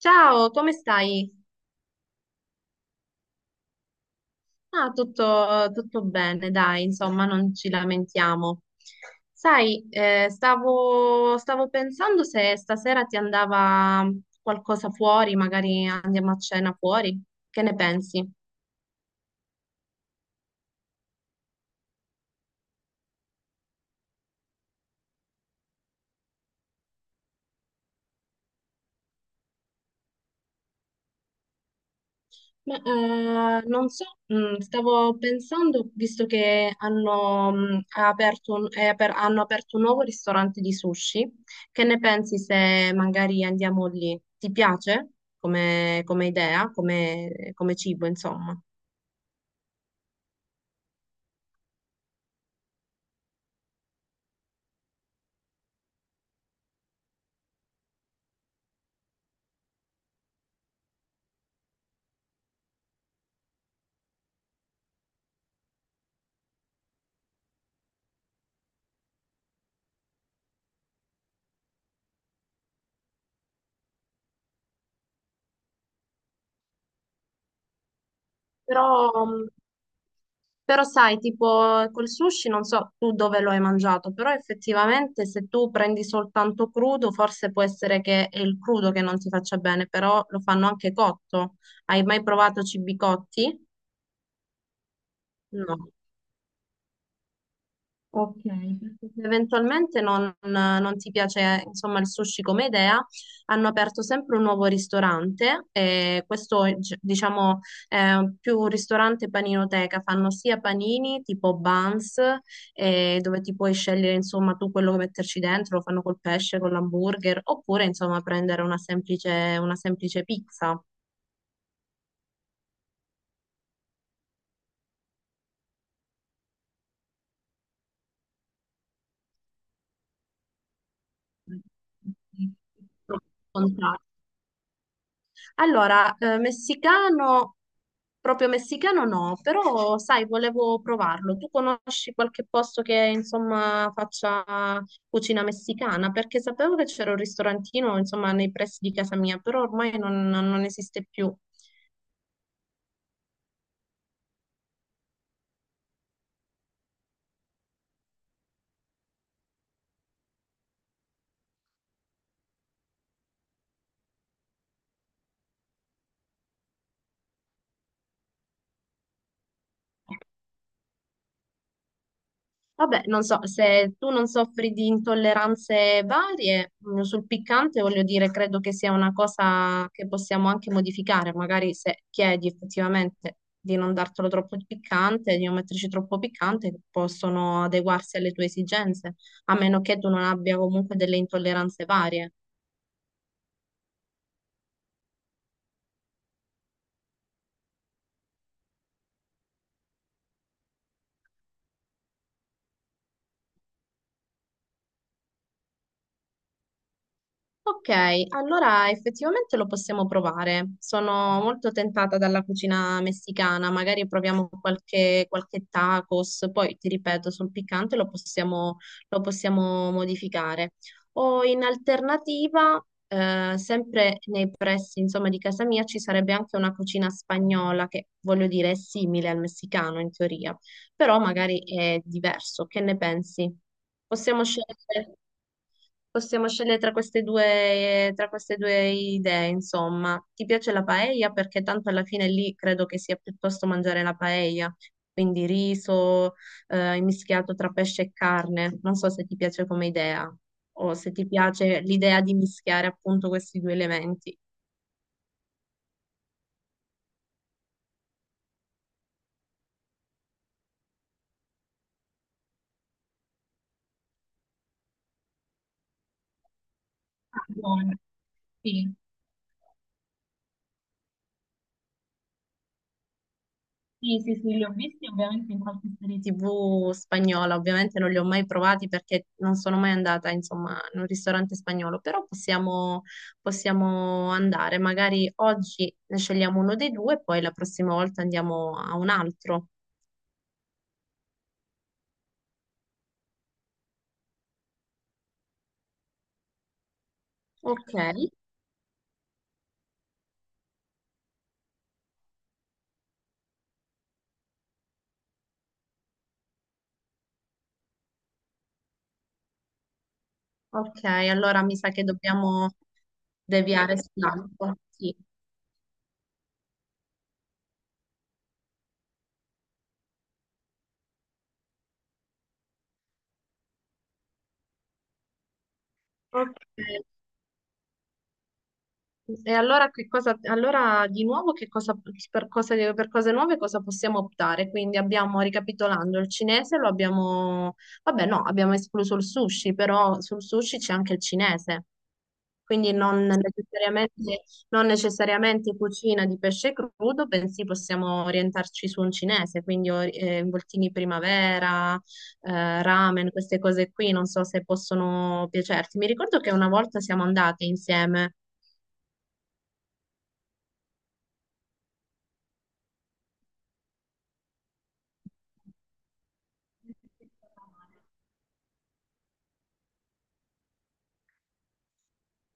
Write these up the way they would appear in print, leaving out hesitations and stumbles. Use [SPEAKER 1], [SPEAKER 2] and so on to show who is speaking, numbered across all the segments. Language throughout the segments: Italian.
[SPEAKER 1] Ciao, come stai? Ah, tutto bene, dai, insomma, non ci lamentiamo. Sai, stavo pensando se stasera ti andava qualcosa fuori, magari andiamo a cena fuori. Che ne pensi? Ma, non so, stavo pensando, visto che hanno, mm, ha aperto un, è aper- hanno aperto un nuovo ristorante di sushi, che ne pensi se magari andiamo lì? Ti piace come idea, come cibo, insomma? Però, Però sai, tipo col sushi, non so tu dove lo hai mangiato, però effettivamente se tu prendi soltanto crudo, forse può essere che è il crudo che non ti faccia bene, però lo fanno anche cotto. Hai mai provato cibi cotti? No. Ok, perché se eventualmente non ti piace, insomma, il sushi come idea, hanno aperto sempre un nuovo ristorante, e questo è, diciamo è più un ristorante paninoteca, fanno sia panini tipo buns, dove ti puoi scegliere insomma tu quello che metterci dentro, lo fanno col pesce, con l'hamburger, oppure insomma prendere una semplice pizza. Allora, messicano, proprio messicano no, però sai, volevo provarlo. Tu conosci qualche posto che insomma faccia cucina messicana? Perché sapevo che c'era un ristorantino insomma nei pressi di casa mia, però ormai non esiste più. Vabbè, non so, se tu non soffri di intolleranze varie sul piccante, voglio dire, credo che sia una cosa che possiamo anche modificare, magari se chiedi effettivamente di non dartelo troppo piccante, di non metterci troppo piccante, possono adeguarsi alle tue esigenze, a meno che tu non abbia comunque delle intolleranze varie. Ok, allora effettivamente lo possiamo provare. Sono molto tentata dalla cucina messicana, magari proviamo qualche tacos, poi ti ripeto, sul piccante lo possiamo modificare. O in alternativa, sempre nei pressi, insomma, di casa mia ci sarebbe anche una cucina spagnola che, voglio dire, è simile al messicano in teoria, però magari è diverso. Che ne pensi? Possiamo scegliere. Possiamo scegliere tra queste due idee, insomma. Ti piace la paella? Perché tanto alla fine lì credo che sia piuttosto mangiare la paella, quindi riso, mischiato tra pesce e carne. Non so se ti piace come idea o se ti piace l'idea di mischiare appunto questi due elementi. Ah, buono, sì. Sì, sì, sì, li ho visti ovviamente in qualche serie TV spagnola, ovviamente non li ho mai provati perché non sono mai andata, insomma, in un ristorante spagnolo, però possiamo andare, magari oggi ne scegliamo uno dei due e poi la prossima volta andiamo a un altro. Ok, ok, allora mi sa che dobbiamo deviare sull'altro. Sì. Ok. E allora, che cosa, allora di nuovo che cosa, per cose nuove cosa possiamo optare? Quindi abbiamo, ricapitolando, il cinese lo abbiamo, vabbè no, abbiamo escluso il sushi, però sul sushi c'è anche il cinese, quindi non necessariamente cucina di pesce crudo, bensì possiamo orientarci su un cinese, quindi involtini primavera, ramen, queste cose qui, non so se possono piacerti. Mi ricordo che una volta siamo andate insieme.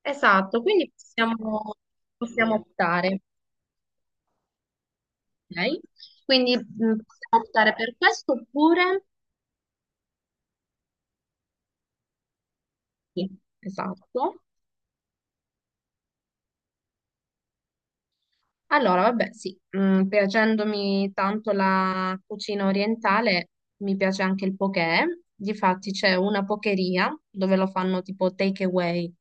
[SPEAKER 1] Esatto, quindi possiamo optare, ok? Quindi possiamo optare per questo oppure... Sì, esatto. Allora, vabbè, sì, piacendomi tanto la cucina orientale, mi piace anche il poké. Difatti c'è una pokeria dove lo fanno tipo take away,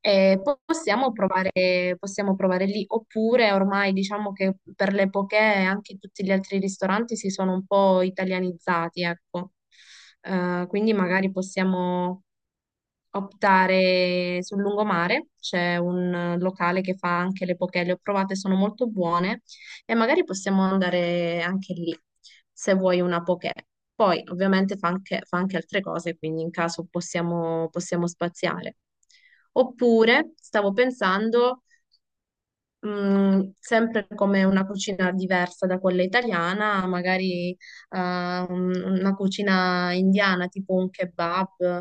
[SPEAKER 1] possiamo provare lì, oppure ormai diciamo che per le poche anche tutti gli altri ristoranti si sono un po' italianizzati, ecco. Quindi magari optare sul lungomare, c'è un locale che fa anche le poke, le ho provate, sono molto buone e magari possiamo andare anche lì se vuoi una poke. Poi ovviamente fa anche altre cose, quindi in caso possiamo spaziare. Oppure stavo pensando, sempre come una cucina diversa da quella italiana, magari una cucina indiana, tipo un kebab.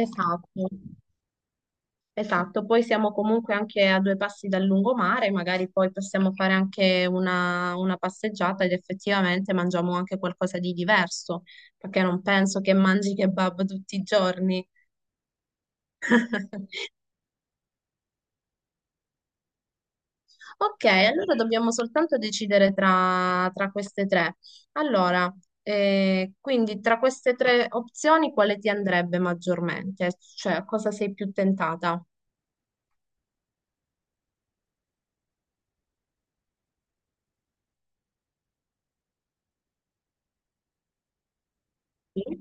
[SPEAKER 1] Esatto. Esatto, poi siamo comunque anche a due passi dal lungomare, magari poi possiamo fare anche una passeggiata ed effettivamente mangiamo anche qualcosa di diverso, perché non penso che mangi kebab tutti i giorni. Ok, allora dobbiamo soltanto decidere tra queste tre. Allora, quindi tra queste tre opzioni quale ti andrebbe maggiormente? Cioè, a cosa sei più tentata? Sì.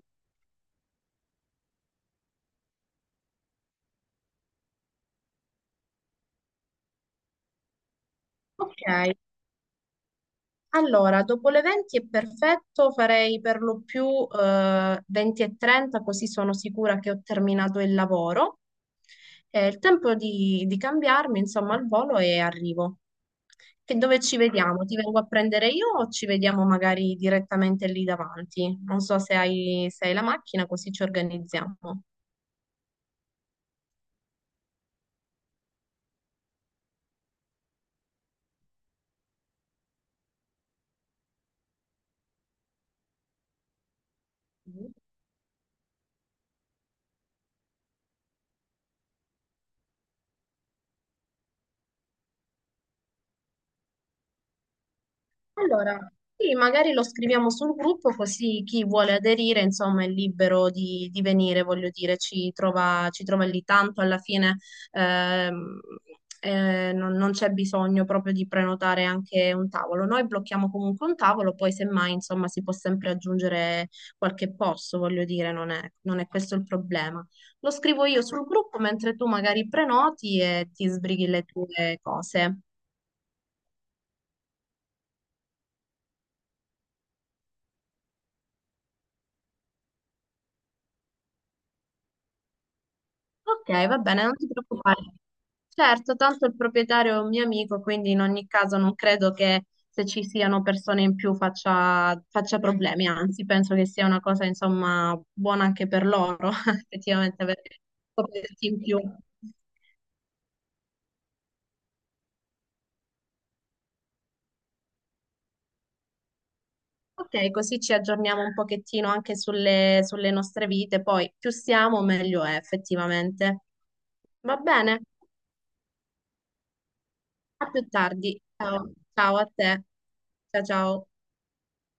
[SPEAKER 1] Ok. Allora, dopo le 20 è perfetto, farei per lo più 20 e 30, così sono sicura che ho terminato il lavoro. È il tempo di cambiarmi, insomma, al volo e arrivo. Che dove ci vediamo? Ti vengo a prendere io o ci vediamo magari direttamente lì davanti? Non so se hai, la macchina, così ci organizziamo. Allora, sì, magari lo scriviamo sul gruppo così chi vuole aderire, insomma, è libero di venire, voglio dire, ci trova lì tanto, alla fine ehm, non c'è bisogno proprio di prenotare anche un tavolo. Noi blocchiamo comunque un tavolo, poi semmai, insomma, si può sempre aggiungere qualche posto, voglio dire, non è questo il problema. Lo scrivo io sul gruppo mentre tu magari prenoti e ti sbrighi le tue cose. Ok, va bene, non ti preoccupare. Certo, tanto il proprietario è un mio amico, quindi in ogni caso non credo che se ci siano persone in più faccia problemi, anzi penso che sia una cosa insomma buona anche per loro, effettivamente avere scoperti in più. Ok, così ci aggiorniamo un pochettino anche sulle nostre vite, poi più siamo meglio è effettivamente. Va bene, a più tardi. Ciao, ciao a te. Ciao ciao.